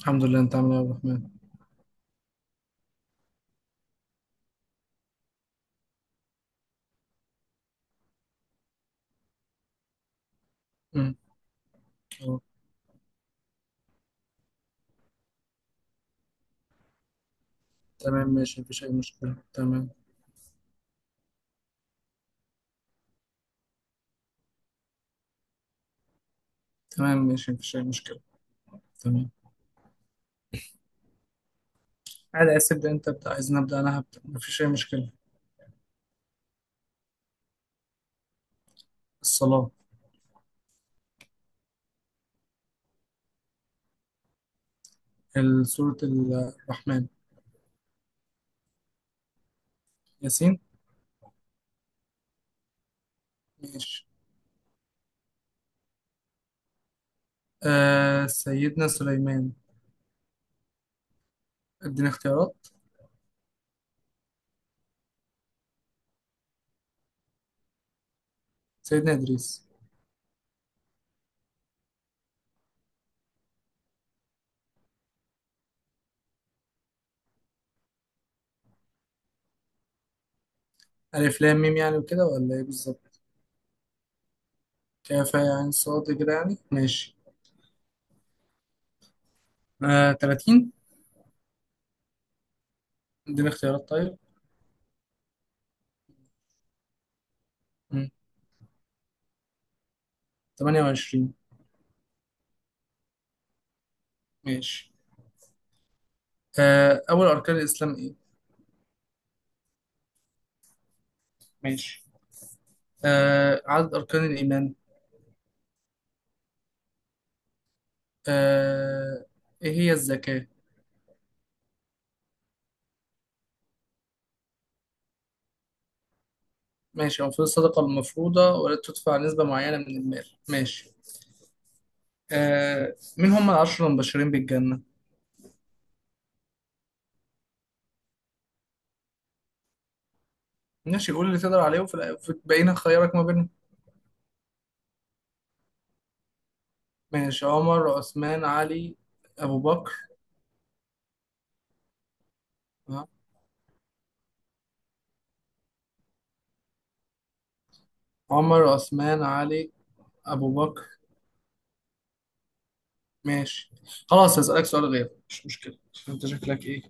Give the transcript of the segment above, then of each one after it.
الحمد لله، انت عامل ايه يا عبد الرحمن؟ مم. اه. تمام، ماشي، مفيش اي مشكله. تمام. تمام ماشي، مفيش اي مشكله. تمام، عادي، عايز تبدا انت ابدا، عايز نبدا انا هبدا، مفيش اي مشكله. الصلاه. ال- سوره ال- الرحمن ياسين. ماشي. سيدنا سليمان. اديني اختيارات. سيدنا ادريس. الف لام ميم يعني وكده ولا ايه بالظبط؟ كافه يعني صاد كده يعني، ماشي. 30. اديني اختيارات طيب. مم. 28. ماشي. اول اركان الاسلام ايه؟ ماشي. عدد أركان الإيمان؟ آه، إيه هي الزكاة؟ ماشي، أو في الصدقة المفروضة، ولا تدفع نسبة معينة من المال؟ ماشي. مين هم العشرة المبشرين بالجنة؟ ماشي، قول اللي تقدر عليه، وفي في بقينا خيارك ما بينهم. ماشي، عمر عثمان علي أبو بكر. آه. عمر عثمان علي أبو بكر. ماشي. خلاص هسألك سؤال غير، مش مشكلة. أنت شكلك إيه؟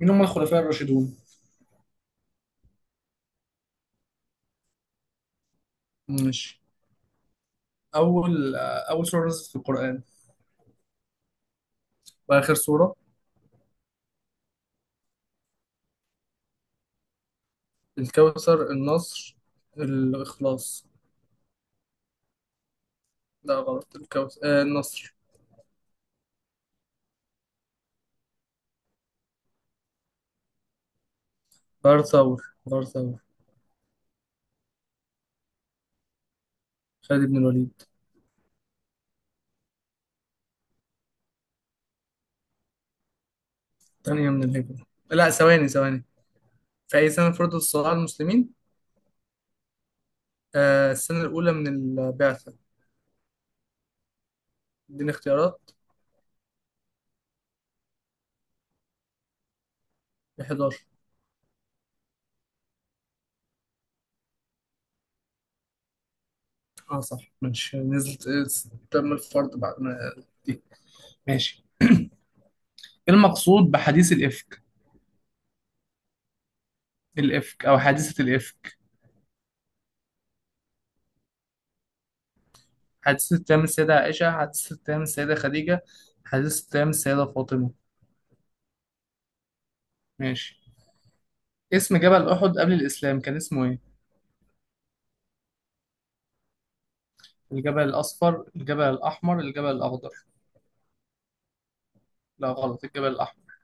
مين هم الخلفاء الراشدون؟ ماشي. أول أول سورة نزلت في القرآن؟ وآخر سورة؟ الكوثر، النصر، الإخلاص. لا غلط، الكوثر، آه، النصر. غرثور غرثور. خالد بن الوليد. تانية من الهجرة، لا ثواني ثواني، في أي سنة فرض الصلاة على المسلمين؟ السنة الأولى من البعثة. اديني اختيارات. 11. اه صح، ماشي، نزلت تم الفرض بعد ما دي. ماشي. ايه المقصود بحديث الإفك؟ الإفك، أو حادثة الإفك. حادثة أيام السيدة عائشة، حادثة أيام السيدة خديجة، حادثة أيام السيدة فاطمة. ماشي. اسم جبل أحد قبل الإسلام كان اسمه إيه؟ الجبل الأصفر، الجبل الأحمر، الجبل الأخضر. لا غلط، الجبل الأحمر.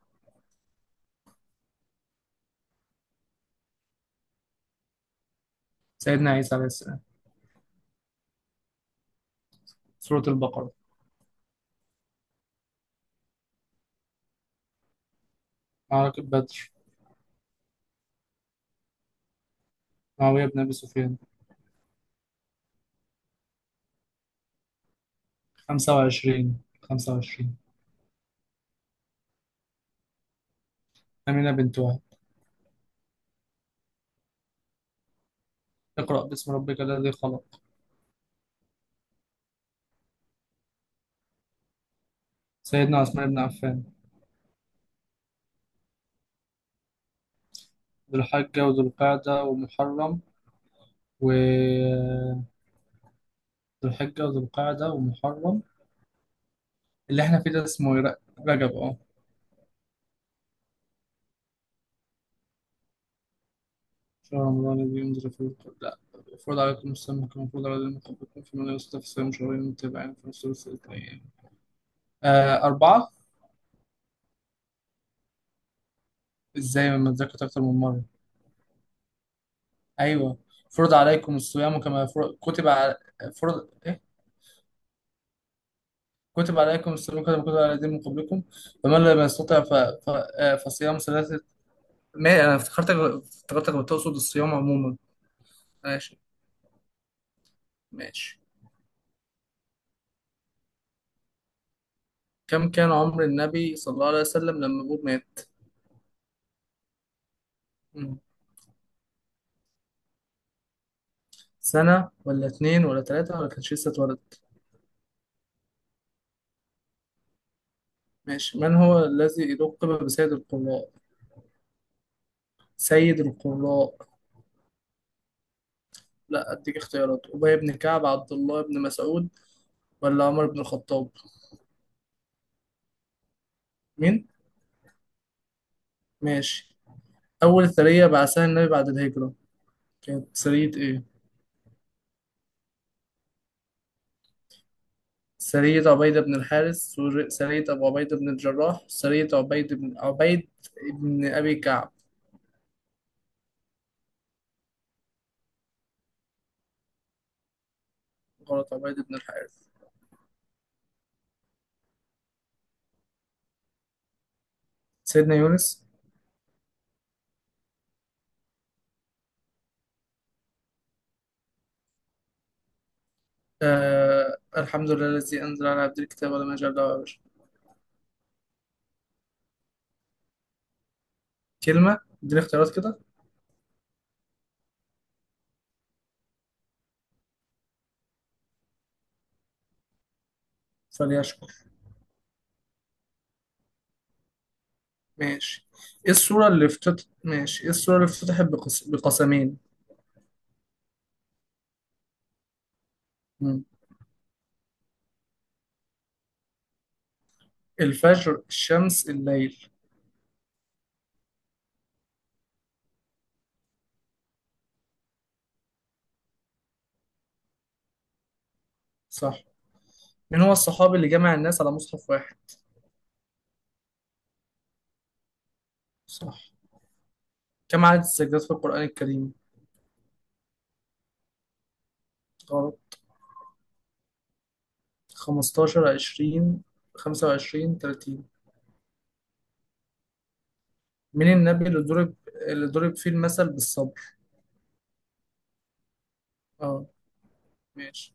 سيدنا عيسى عليه السلام. سورة البقرة. معركة بدر. معاوية بن أبي سفيان. 25، 25. أمينة بنت وهب. اقرأ باسم ربك الذي خلق. سيدنا عثمان بن عفان. ذو الحجة وذو القعدة ومحرم، و، ذو الحجة وذو القعدة ومحرم. اللي إحنا فيه ده اسمه إيه؟ رجب أه. شهر رمضان الذي أنزل فيه القرآن، لا، المفروض عليكم الصيام كما فرض على الذين من قبلكم، فمن يستطع فصيام شهرين متابعين في ثلث الأيام. أربعة. إزاي ما اتذكرت أكتر من مرة؟ أيوه، فرض عليكم الصيام كما كتب على، فرض إيه، كتب عليكم الصيام كما كتب على الذين من قبلكم، فمن لم يستطع آه، فصيام ثلاثة. ما أنا افتكرتك افتكرتك بتقصد الصيام عموما. ماشي. ماشي. كم كان عمر النبي صلى الله عليه وسلم لما هو مات؟ سنة ولا اتنين ولا تلاتة ولا كانش لسه اتولد؟ ماشي. من هو الذي لقب بسيد القراء؟ سيد القراء؟ لا أديك اختيارات. أبي بن كعب، عبد الله بن مسعود، ولا عمر بن الخطاب؟ مين؟ ماشي. أول سرية بعثها النبي بعد الهجرة كانت سرية إيه؟ سرية عبيدة بن الحارث، سرية أبو عبيدة بن الجراح، سرية عبيد بن عبيد بن أبي كعب. غلط، عبيد بن الحارث. سيدنا يونس. آه، الحمد لله الذي أنزل على عبد الكتاب ولم يجعل له عوجا. كلمة، اديني اختيارات كده. فليشكر. ماشي. ايه الصورة اللي افتتحت، ماشي، ايه الصورة اللي افتتحت بقسمين؟ مم. الفجر، الشمس، الليل. صح. مين هو الصحابي اللي جمع الناس على مصحف واحد؟ صح. كم عدد السجدات في القرآن الكريم؟ غلط. 15، 20، 25، 30. مين النبي اللي ضرب، اللي ضرب فيه المثل بالصبر؟ اه. ماشي.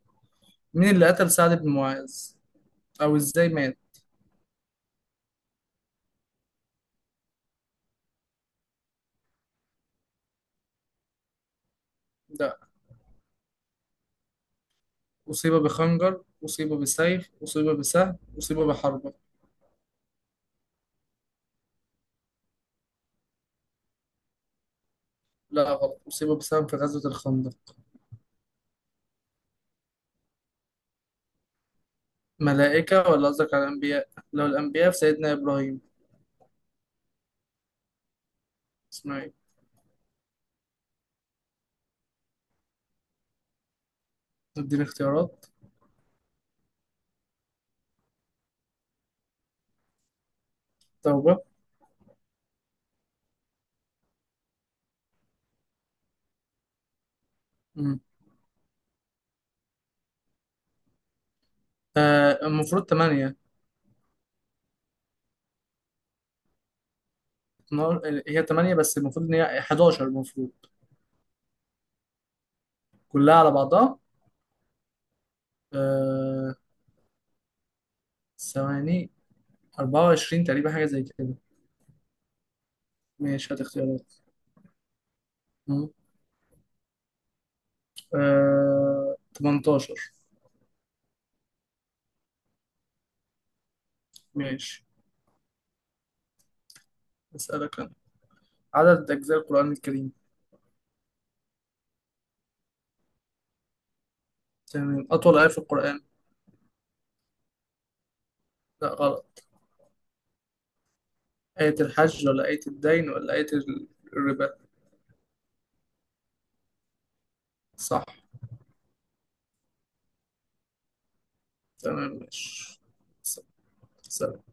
مين اللي قتل سعد بن معاذ، او ازاي مات؟ ده أصيب بخنجر، أصيب بسيف، أصيب بسهم، أصيب بحربة. لا غلط، أصيب بسهم في غزوة الخندق. ملائكة ولا قصدك على الأنبياء؟ لو الأنبياء في سيدنا إبراهيم. إسماعيل. اديني اختيارات. توبة. مم. المفروض تمانية. نار- هي تمانية، بس المفروض إن هي 11 المفروض. كلها على بعضها. آه. ثواني. 24 تقريبا، حاجة زي كده. ماشي، هات اختيارات. مم. 18. ماشي. أسألك أنا. عدد أجزاء القرآن الكريم؟ تمام. أطول آية في القرآن؟ لا غلط. آية الحج ولا آية الدين ولا آية الربا؟ صح. تمام ماشي. س- سلام.